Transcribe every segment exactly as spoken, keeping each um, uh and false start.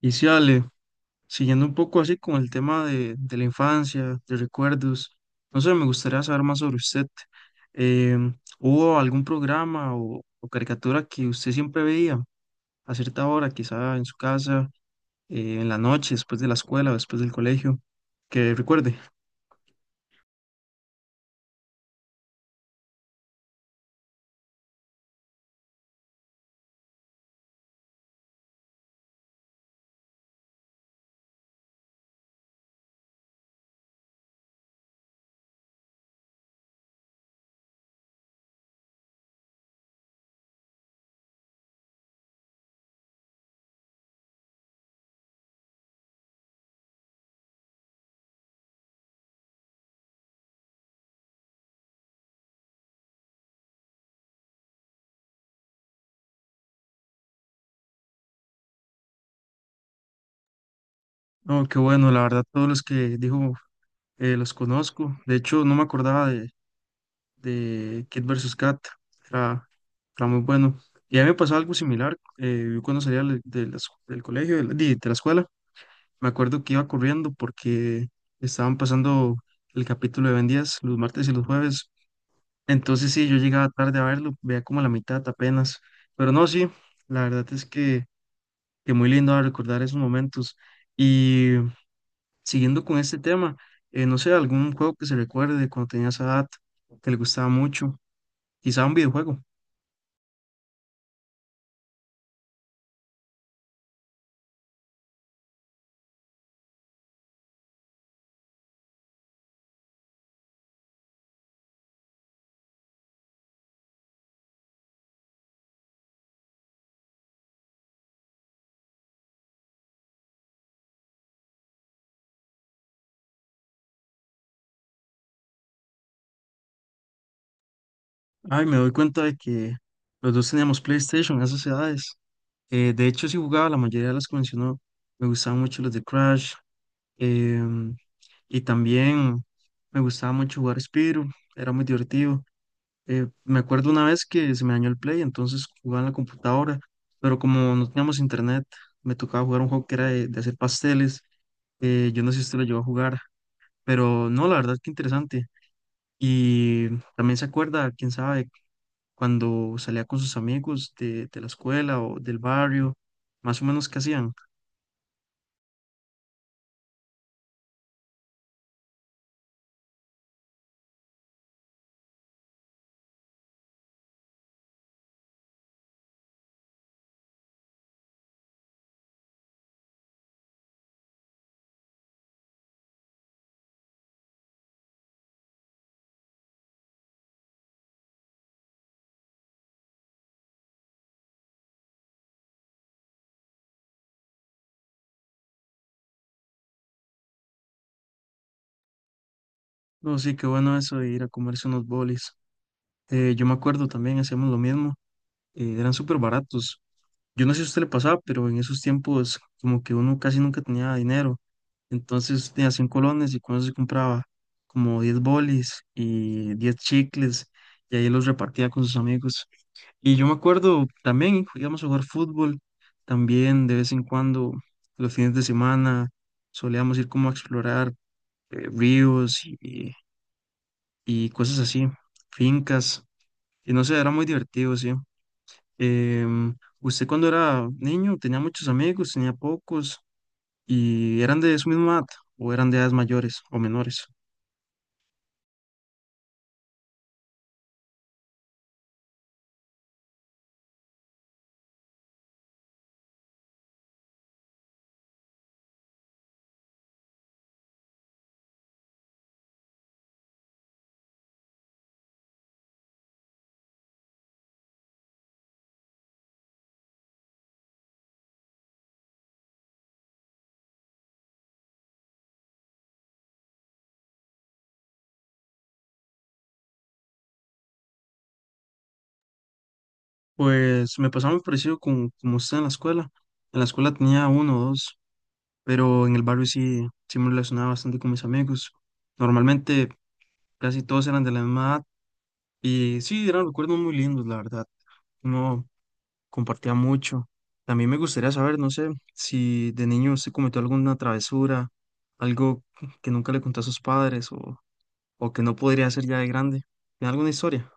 Y sí, Ale, siguiendo un poco así con el tema de, de la infancia, de recuerdos, no sé, me gustaría saber más sobre usted. Em, ¿hubo algún programa o, o caricatura que usted siempre veía a cierta hora, quizá en su casa, eh, en la noche, después de la escuela, o después del colegio? Que recuerde. No, qué bueno, la verdad, todos los que dijo eh, los conozco. De hecho, no me acordaba de, de Kid versus Kat. Era, era muy bueno. Y a mí me pasó algo similar. Eh, yo cuando salía del- de las- del colegio, de, la di- de la escuela, me acuerdo que iba corriendo porque estaban pasando el capítulo de Ben diez los martes y los jueves. Entonces sí, yo llegaba tarde a verlo, veía como la mitad apenas. Pero no, sí, la verdad es que, que muy lindo a recordar esos momentos. Y siguiendo con este tema, eh, no sé, algún juego que se recuerde cuando tenía esa edad, que le gustaba mucho, quizá un videojuego. Ay, me doy cuenta de que los dos teníamos PlayStation a esas edades. Eh, de hecho, sí jugaba la mayoría de las que mencionó. Me gustaban mucho los de Crash. em, y también me gustaba mucho jugar Spyro. Era muy divertido. Eh, me acuerdo una vez que se me dañó el Play, entonces jugaba en la computadora. Pero como no teníamos internet, me tocaba jugar un juego que era de, de hacer pasteles. Eh, yo no sé si usted lo llegó a jugar. Pero no, la verdad que interesante. Y también se acuerda, quién sabe cuando salía con sus amigos de, de la escuela o del barrio, más o menos qué hacían. No, sí, qué bueno eso de ir a comerse unos bolis. Eh, yo me acuerdo también, hacíamos lo mismo, eh, eran súper baratos. Yo no sé si a usted le pasaba, pero en esos tiempos como que uno casi nunca tenía dinero. Entonces tenía cien colones y con eso se compraba como diez bolis y diez chicles y ahí los repartía con sus amigos. Y yo me acuerdo también íbamos a jugar fútbol, también de vez en cuando, los fines de semana, solíamos ir como a explorar eh, ríos y, y cosas así, fincas, y no sé, era muy divertido, sí. Em, ¿Usted cuando era niño tenía muchos amigos, tenía pocos, y eran de su misma edad, o eran de edades mayores o menores? Pues me pasaba muy parecido con, como usted en la escuela. En la escuela tenía uno o dos. Pero en el barrio sí, sí me relacionaba bastante con mis amigos. Normalmente casi todos eran de la misma edad y sí, eran recuerdos muy lindos, la verdad. Uno compartía mucho. También me gustaría saber, no sé, si de niño se cometió alguna travesura, algo que nunca le contó a sus padres o, o que no podría hacer ya de grande. ¿Tiene alguna historia?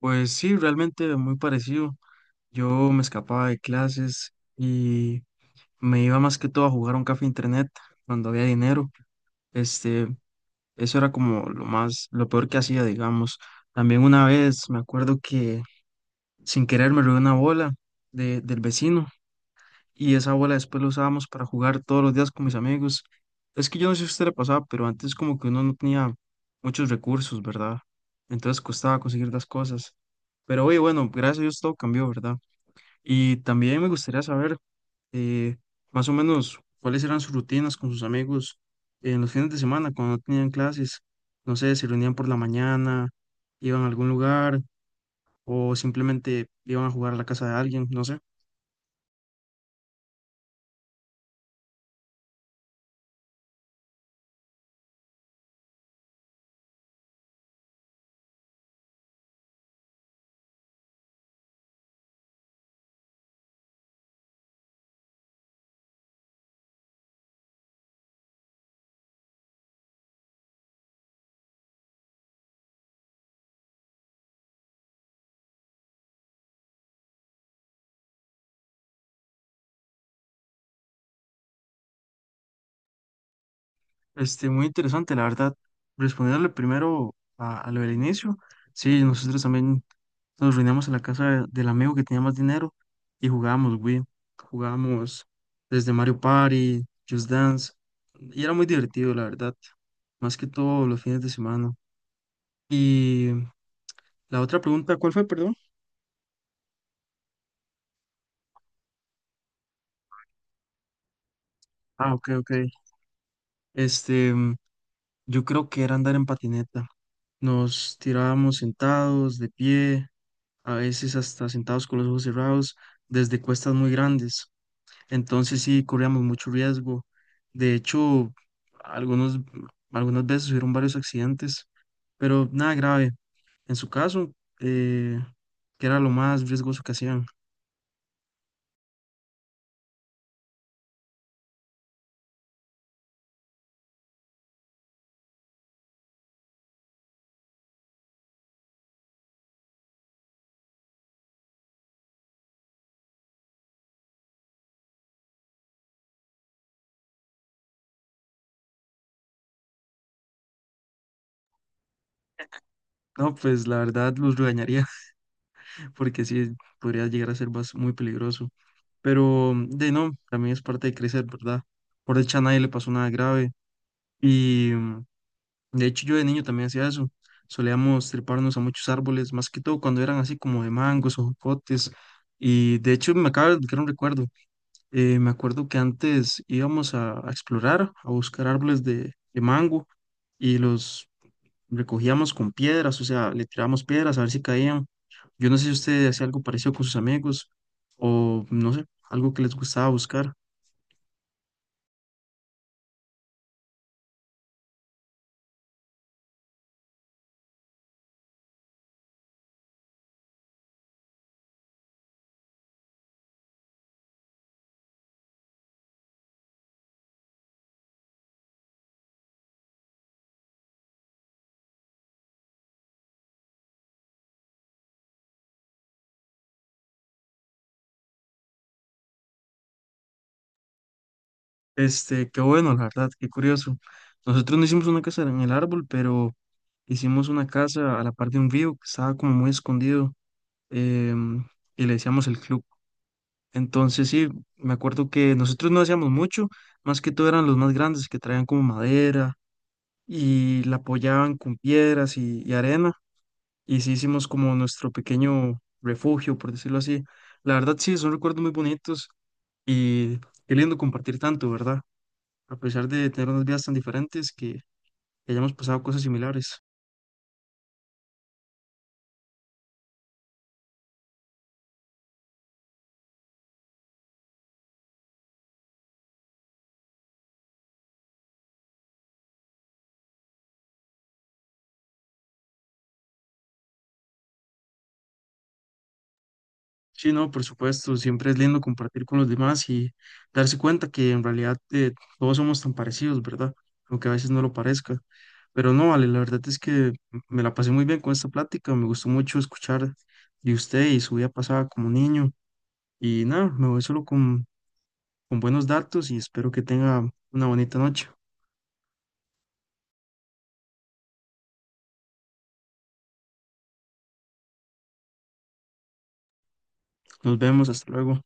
Pues sí, realmente muy parecido. Yo me escapaba de clases y me iba más que todo a jugar a un café internet cuando había dinero. Este, Eso era como lo más, lo peor que hacía, digamos. También una vez me acuerdo que sin querer me robé una bola de, del vecino y esa bola después la usábamos para jugar todos los días con mis amigos. Es que yo no sé si a usted le pasaba, pero antes como que uno no tenía muchos recursos, ¿verdad? Entonces costaba conseguir las cosas. Pero oye, bueno, gracias a Dios todo cambió, ¿verdad? Y también me gustaría saber eh, más o menos cuáles eran sus rutinas con sus amigos en los fines de semana cuando no tenían clases. No sé, se reunían por la mañana, iban a algún lugar o simplemente iban a jugar a la casa de alguien, no sé. Este, muy interesante, la verdad. Responderle primero a, a lo del inicio. Sí, nosotros también nos reuníamos en la casa de- del amigo que tenía más dinero y jugábamos Wii. Jugábamos desde Mario Party, Just Dance. Y era muy divertido, la verdad. Más que todo los fines de semana. Y la otra pregunta, ¿cuál fue, perdón? Ah, ok, ok. Este, mm, yo creo que era andar en patineta. Nos tirábamos sentados, de pie. A veces hasta sentados con los ojos cerrados, desde cuestas muy grandes. Entonces sí corríamos mucho riesgo. De hecho, algunos, algunas veces hubieron varios accidentes, pero nada grave. En su caso, eh, que era lo más riesgoso que hacían. No, pues la verdad los regañaría porque sí podría llegar a ser bas- muy peligroso. Pero de no, también es parte de crecer, ¿verdad? Por dicha a nadie le pasó nada grave y de hecho, yo de niño también hacía eso. Solíamos treparnos a muchos árboles, más que todo cuando eran así como de mangos o jocotes. Y de hecho, me acaba de desbloquear un recuerdo. Eh, me acuerdo que antes íbamos a, a explorar, a buscar árboles de, de mango y los recogíamos con piedras, o sea, le tirábamos piedras a ver si caían. Yo no sé si usted hacía algo parecido con sus amigos o no sé, algo que les gustaba buscar. Este, qué bueno, la verdad, qué curioso. Nosotros no hicimos una casa en el árbol, pero hicimos una casa a la par de un río que estaba como muy escondido, em, y le decíamos el club. Entonces, sí, me acuerdo que nosotros no hacíamos mucho, más que todo eran los más grandes que traían como madera y la apoyaban con piedras y, y arena. Y sí hicimos como nuestro pequeño refugio, por decirlo así. La verdad, sí, son recuerdos muy bonitos y qué lindo compartir tanto, ¿verdad? A pesar de tener unas vidas tan diferentes, que hayamos pasado cosas similares. Sí, no, por supuesto, siempre es lindo compartir con los demás y darse cuenta que en realidad eh, todos somos tan parecidos, ¿verdad? Aunque a veces no lo parezca. Pero no, vale, la verdad es que me la pasé muy bien con esta plática, me gustó mucho escuchar de usted y su vida pasada como niño. Y nada, me voy solo con, con buenos datos y espero que tenga una bonita noche. Nos vemos, hasta luego.